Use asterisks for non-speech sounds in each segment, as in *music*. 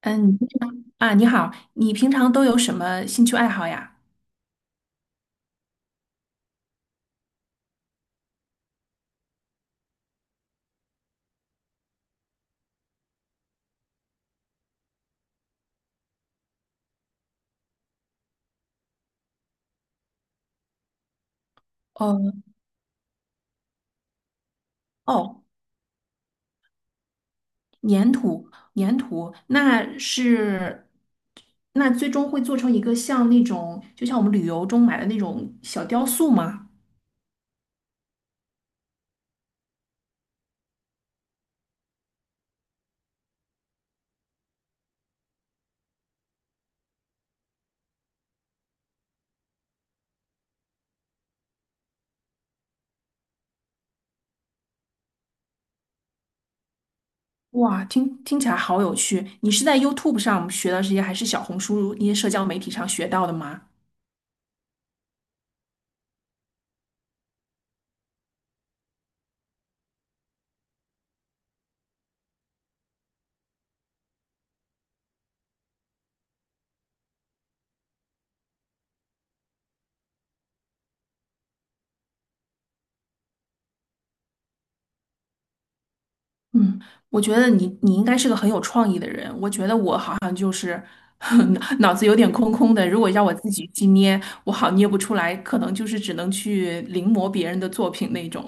嗯，你好，你平常都有什么兴趣爱好呀？哦哦，粘土，粘土，那最终会做成一个像那种，就像我们旅游中买的那种小雕塑吗？哇，听起来好有趣！你是在 YouTube 上学的这些，还是小红书那些社交媒体上学到的吗？嗯，我觉得你应该是个很有创意的人，我觉得我好。*laughs* 脑子有点空空的，如果让我自己去捏，我好捏不出来，可能就是只能去临摹别人的作品那种。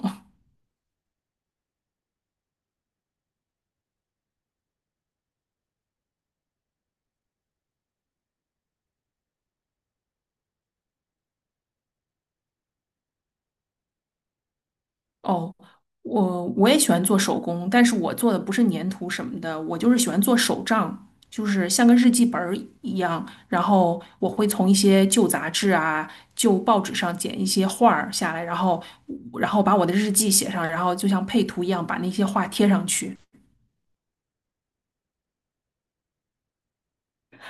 哦，我也喜欢做手工，但是我做的不是粘土什么的，我就是喜欢做手账，就是像个日记本儿一样。然后我会从一些旧杂志啊、旧报纸上剪一些画儿下来，然后把我的日记写上，然后就像配图一样把那些画贴上去。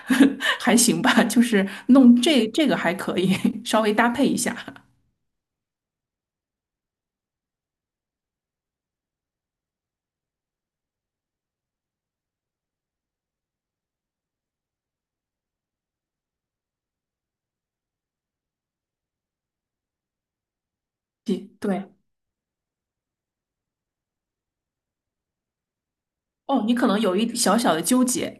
*laughs* 还行吧，就是弄这个还可以，*laughs* 稍微搭配一下。*laughs* 对，哦，你可能有一小小的纠结，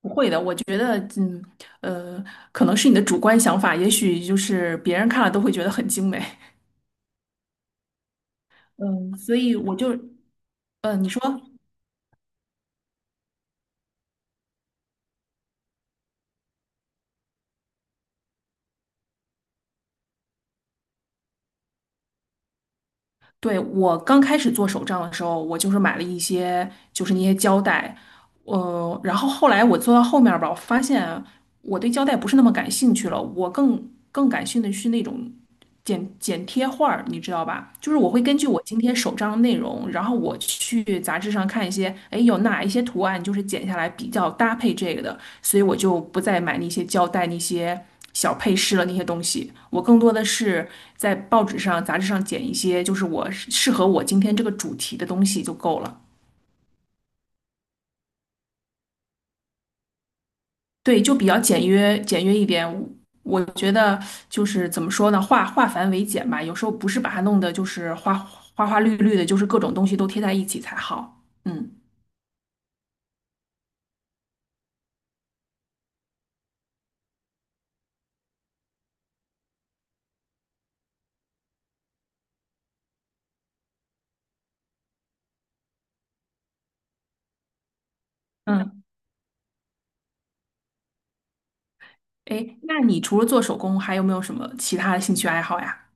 不会的，我觉得，呃，可能是你的主观想法，也许就是别人看了都会觉得很精美，嗯，所以我就，你说，对，我刚开始做手账的时候，我就是买了一些，就是那些胶带，然后后来我做到后面儿吧，我发现我对胶带不是那么感兴趣了，我更感兴趣的是那种剪贴画儿，你知道吧？就是我会根据我今天手账的内容，然后我去杂志上看一些，哎，有哪一些图案就是剪下来比较搭配这个的，所以我就不再买那些胶带、那些小配饰了那些东西。我更多的是在报纸上、杂志上剪一些，就是我适合我今天这个主题的东西就够了。对，就比较简约，简约一点。我觉得就是怎么说呢，化繁为简吧。有时候不是把它弄得就是花花绿绿的，就是各种东西都贴在一起才好。嗯嗯，哎，那你除了做手工，还有没有什么其他的兴趣爱好呀？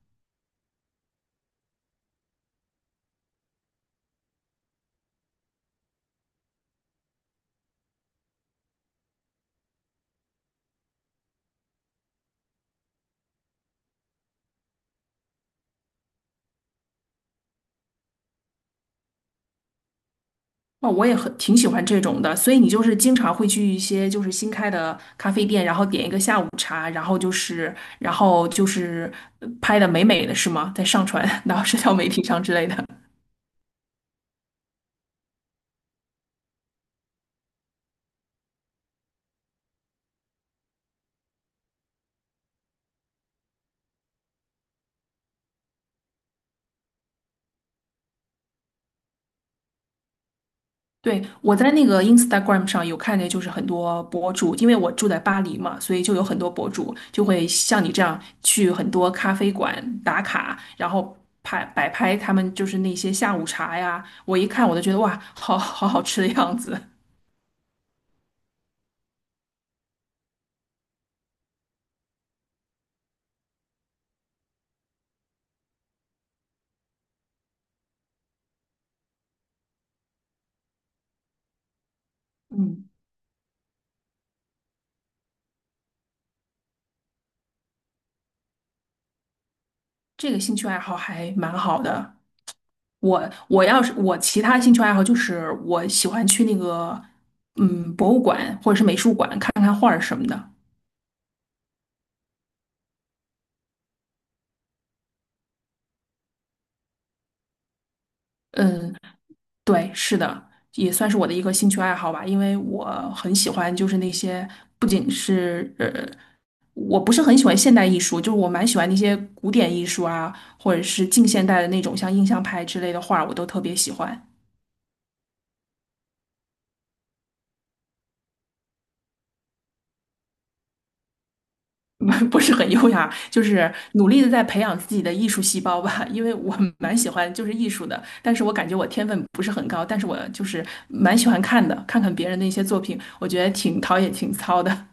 哦，我也挺喜欢这种的，所以你就是经常会去一些就是新开的咖啡店，然后点一个下午茶，然后就是拍的美美的是吗？在上传到 *laughs* 社交媒体上之类的。对，我在那个 Instagram 上有看见，就是很多博主，因为我住在巴黎嘛，所以就有很多博主就会像你这样去很多咖啡馆打卡，然后摆拍他们就是那些下午茶呀。我一看我就觉得哇，好好吃的样子。嗯，这个兴趣爱好还蛮好的。我要是我其他兴趣爱好就是我喜欢去那个博物馆或者是美术馆看看画儿什么的。嗯，对，是的，也算是我的一个兴趣爱好吧，因为我很喜欢，就是那些不仅是呃，我不是很喜欢现代艺术，就是我蛮喜欢那些古典艺术啊，或者是近现代的那种像印象派之类的画，我都特别喜欢。*laughs* 不是很优雅，就是努力的在培养自己的艺术细胞吧，因为我蛮喜欢就是艺术的，但是我感觉我天分不是很高，但是我就是蛮喜欢看的，看看别人的一些作品，我觉得挺陶冶情操的。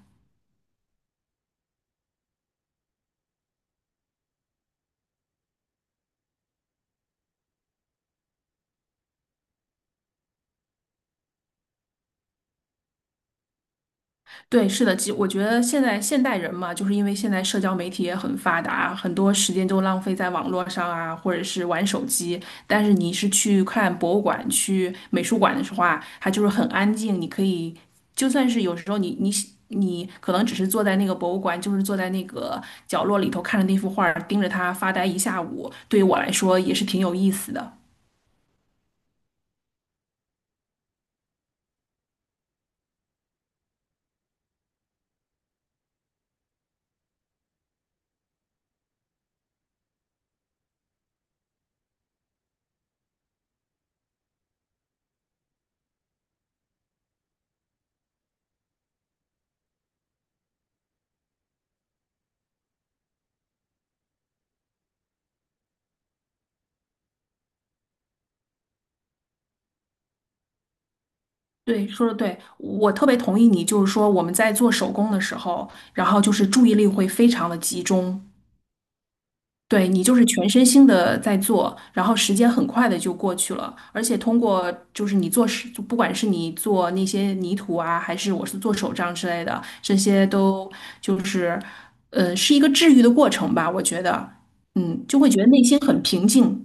对，是的，我觉得现在现代人嘛，就是因为现在社交媒体也很发达，很多时间都浪费在网络上啊，或者是玩手机。但是你是去看博物馆、去美术馆的时候啊，它就是很安静，你可以就算是有时候你可能只是坐在那个博物馆，就是坐在那个角落里头看着那幅画儿，盯着它发呆一下午，对于我来说也是挺有意思的。对，说的对，我特别同意你，就是说我们在做手工的时候，然后就是注意力会非常的集中，对你就是全身心的在做，然后时间很快的就过去了，而且通过就是你做手，就不管是你做那些泥土啊，还是我是做手账之类的，这些都就是，是一个治愈的过程吧，我觉得，嗯，就会觉得内心很平静。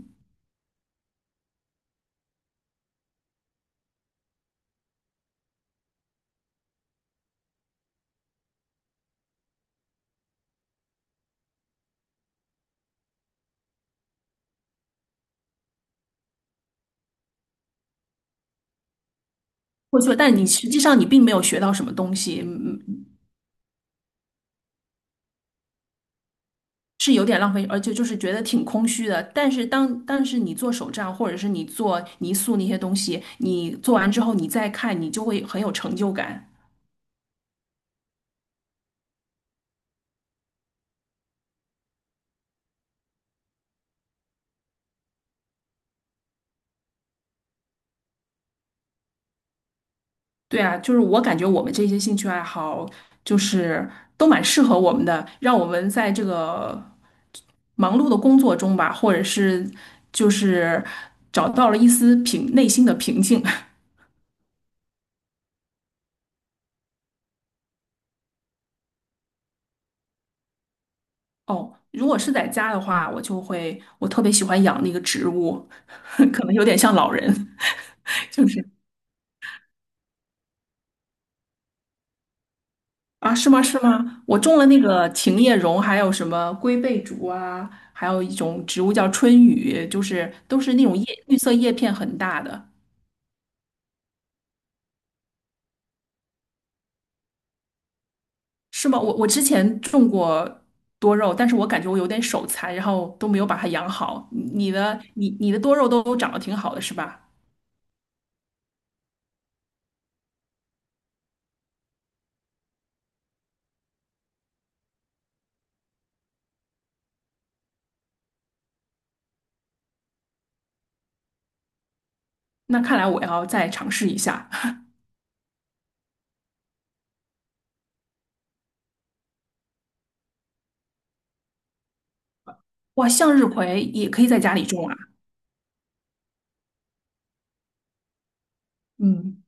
过去了，但你实际上你并没有学到什么东西。嗯，是有点浪费，而且就是觉得挺空虚的。但是但是你做手账，或者是你做泥塑那些东西，你做完之后你再看，你就会很有成就感。对啊，就是我感觉我们这些兴趣爱好就是都蛮适合我们的，让我们在这个忙碌的工作中吧，或者是就是找到了一丝内心的平静。*laughs* 哦，如果是在家的话，我就会我特别喜欢养那个植物，*laughs* 可能有点像老人。*laughs* 就是。啊，是吗？是吗？我种了那个琴叶榕，还有什么龟背竹啊，还有一种植物叫春雨，就是都是那种叶绿色叶片很大的，是吗？我之前种过多肉，但是我感觉我有点手残，然后都没有把它养好。你的多肉都长得挺好的，是吧？那看来我要再尝试一下。*laughs* 哇，向日葵也可以在家里种啊。嗯。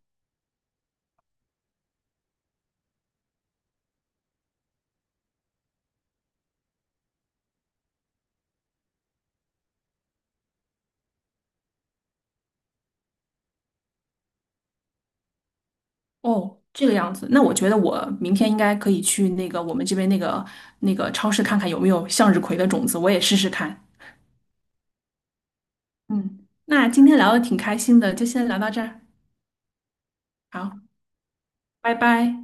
哦，这个样子，那我觉得我明天应该可以去那个我们这边那个超市看看有没有向日葵的种子，我也试试看。嗯，那今天聊的挺开心的，就先聊到这儿，好，拜拜。